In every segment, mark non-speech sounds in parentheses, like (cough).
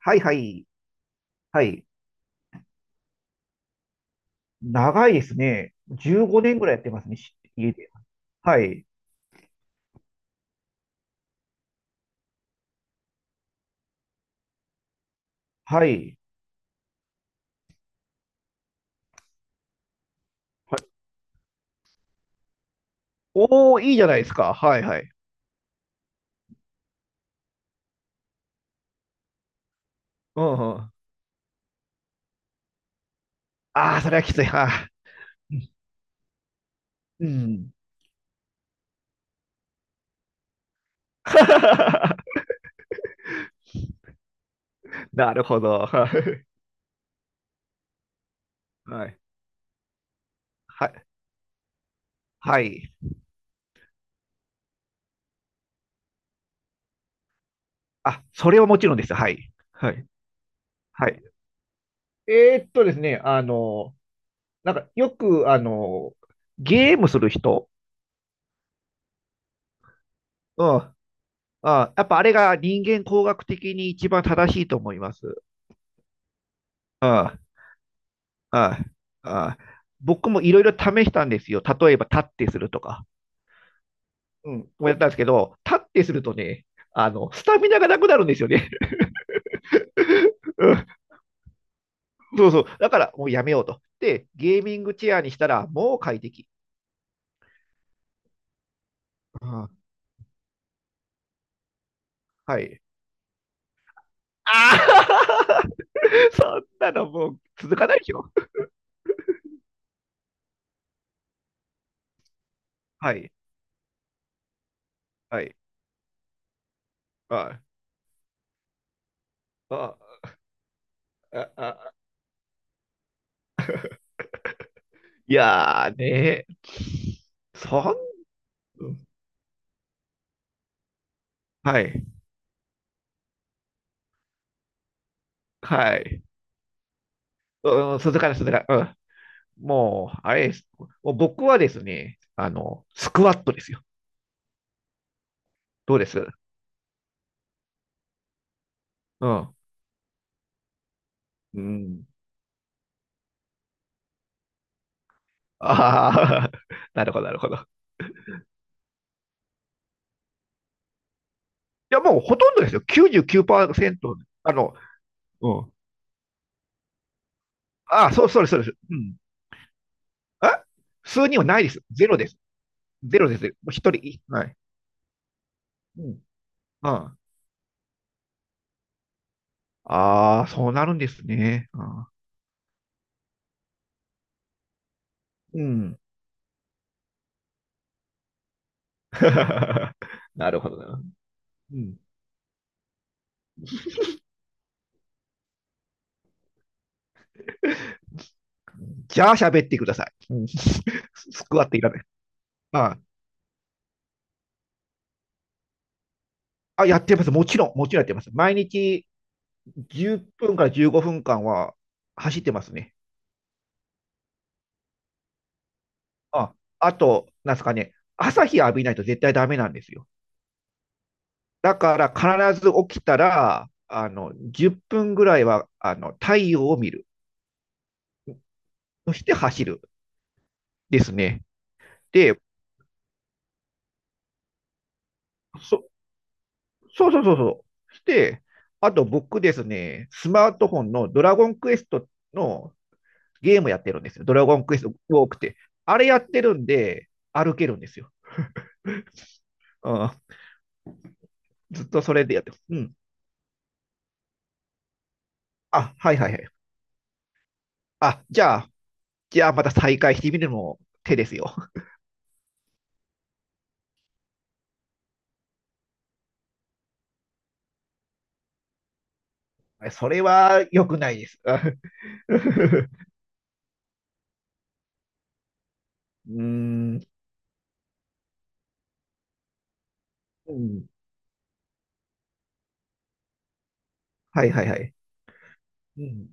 はいはい。はい。長いですね。15年ぐらいやってますね、し家で。はい。はい。はい。おー、いいじゃないですか。はいはい。うんうん。ああ、それはきつい。はあ、うん。(laughs) なるほど。はいはい。は、はい。あ、それはもちろんです。はい。はい。はい。ですね、あの、なんかよく、ゲームする人。うん。あ、やっぱあれが人間工学的に一番正しいと思います。うん。ああ、僕もいろいろ試したんですよ。例えば、立ってするとか。うん。もやったんですけど、立ってするとね、スタミナがなくなるんですよね。(laughs) うん、そうそう。だから、もうやめようと。で、ゲーミングチェアにしたら、もう快適。うん、はい。ああ。 (laughs) そんなのもう続かないでしょ。はい。はい。ああ、ああ、いやーね。そん、はい。はい。うん、続かない、続かない。うん。もう、あれです。もう僕はですね、スクワットですよ。どうです？うん。うん。ああ、(laughs) なるほど、なるほど。いや、もうほとんどですよ。99%。あの、うん。ああ、そうです、そうです。うん。あ、数人はないです。ゼロです。ゼロです。もう一人。はい。うん。うん。ああー、そうなるんですね。あー、うん。(laughs) なるほどな。うん。じゃあ、喋ってください。うん。ス、スクワットいらない。あ、あ、やってます。もちろんやってます。毎日10分から15分間は走ってますね。あ、あと、なんですかね、朝日浴びないと絶対ダメなんですよ。だから必ず起きたら、10分ぐらいは、太陽を見る。そして走る。ですね。で、そ、そうそうそうそう。して、あと僕ですね、スマートフォンのドラゴンクエストのゲームやってるんですよ。ドラゴンクエスト多くて。あれやってるんで、歩けるんですよ。うん、ずっとそれでやってます。うん。あ、はいはいはい。あ、じゃあ、じゃあまた再開してみるのも手ですよ。(laughs) それは良くないです。あ。 (laughs) うーん。うん。はいはいはい。うん。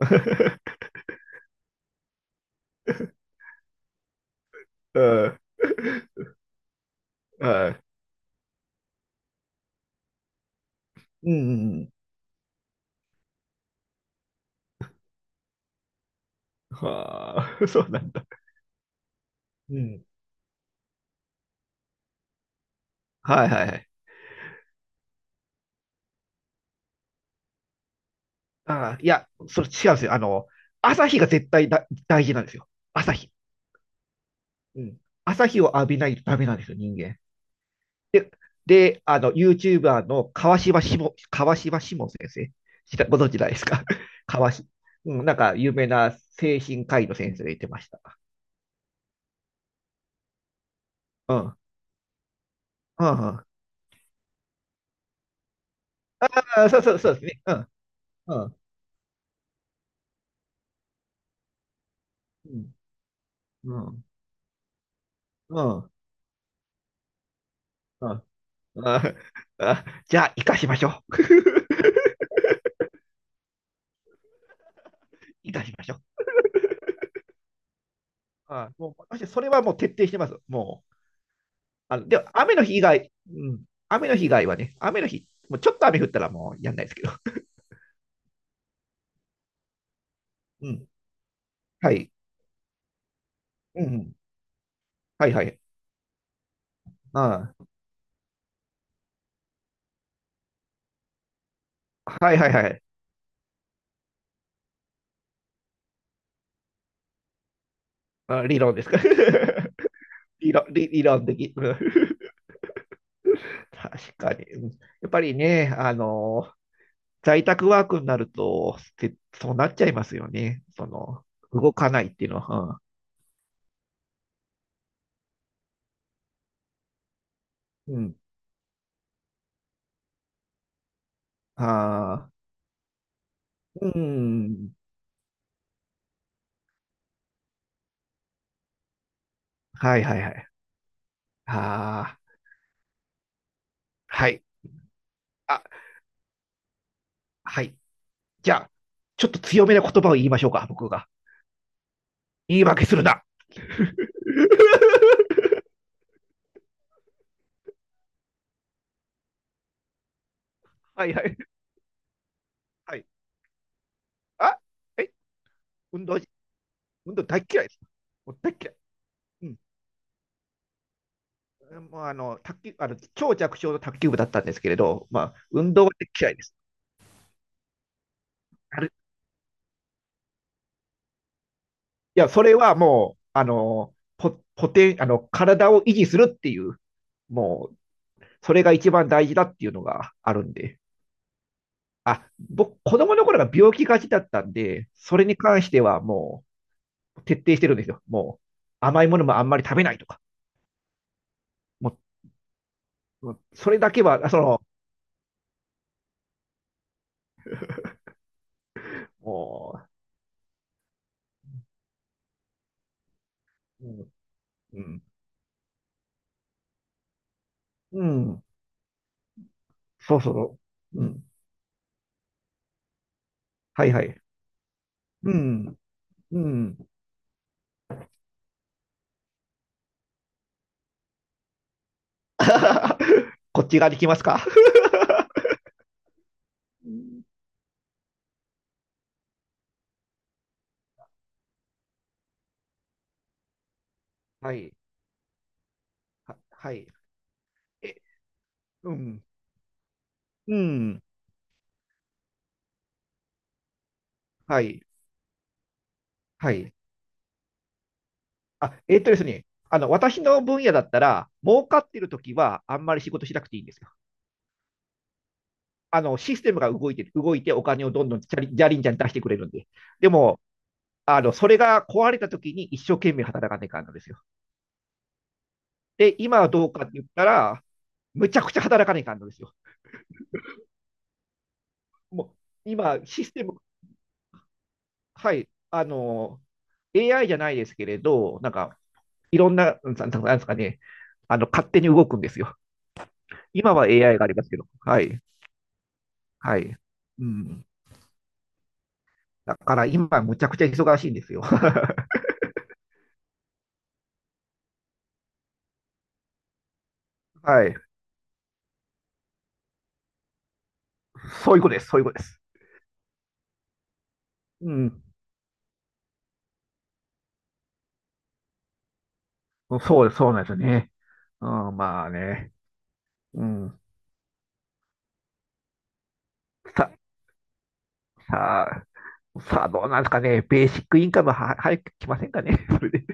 (laughs) うん。はい、うん。うんうん。はあ、(laughs) そうなんだ。うん。はいはいはい。ああ、いや、それ違うんですよ。朝日が絶対だ大事なんですよ。朝日。うん。朝日を浴びないとダメなんですよ、人間。で、で、YouTuber の川島しも先生、ご存知ないですか？ (laughs) 川し、うん、なんか有名な精神科医の先生が言ってました。うん。うん、うん。あ、そうですね。うん、うん、うん、うん、うん、うん。ああ、じゃあ、生かしましょう。(laughs) 生かしましょう。あ、もう、私、それはもう徹底してます。もう、でも、雨の日以外、うん、雨の日以外はね、雨の日、もうちょっと雨降ったらもうやんないですけど。うん。はい。うん。はいはい。ああ、はいはいはい。あ、理論ですか。(laughs) 理論的。うん。 (laughs) 確かに。うん、やっぱりね、在宅ワークになると、せそうなっちゃいますよね。その、動かないっていうのは。うん。うん、ああ、うん。はいはいはい。ああ、はい。あ、はい。じゃあ、ちょっと強めな言葉を言いましょうか、僕が。言い訳するな。(laughs) はいはい。はい。あ、え、運動、運動大嫌いです。もう大嫌い。うん。もう、卓球、超弱小の卓球部だったんですけれど、まあ、運動は大嫌いです。ある、いや、それはもう、あの、ポ、ポテン、あの、体を維持するっていう、もう、それが一番大事だっていうのがあるんで。あ、僕、子供の頃が病気がちだったんで、それに関してはもう、徹底してるんですよ。もう、甘いものもあんまり食べないとか。もう、もうそれだけは、その、もう、うん、うん、うん、そうそう。うん。はいはい。うん。うん。(laughs) こっち側できますか？ (laughs) うん。(laughs) はい。は、はい。え、うん。うん。はい。はい。あ、えっとですね。私の分野だったら、儲かってるときは、あんまり仕事しなくていいんですよ。システムが動いてお金をどんどんじゃりじゃりんじゃん出してくれるんで。でも、それが壊れたときに一生懸命働かないかんのですよ。で、今はどうかって言ったら、むちゃくちゃ働かないかんのですよ。もう今、システム、はい、あの、AI じゃないですけれど、なんか、いろんな、うん、なんなんですかね、勝手に動くんですよ。今は AI がありますけど、はい、はい。うん。だから今、むちゃくちゃ忙しいんですよ。(laughs) はい。そういうことです。うん。そうです、そうなんですよね。うん、まあね。うん。さ、ささあ、どうなんですかね。ベーシックインカムは早く来ませんかね。(laughs) それで。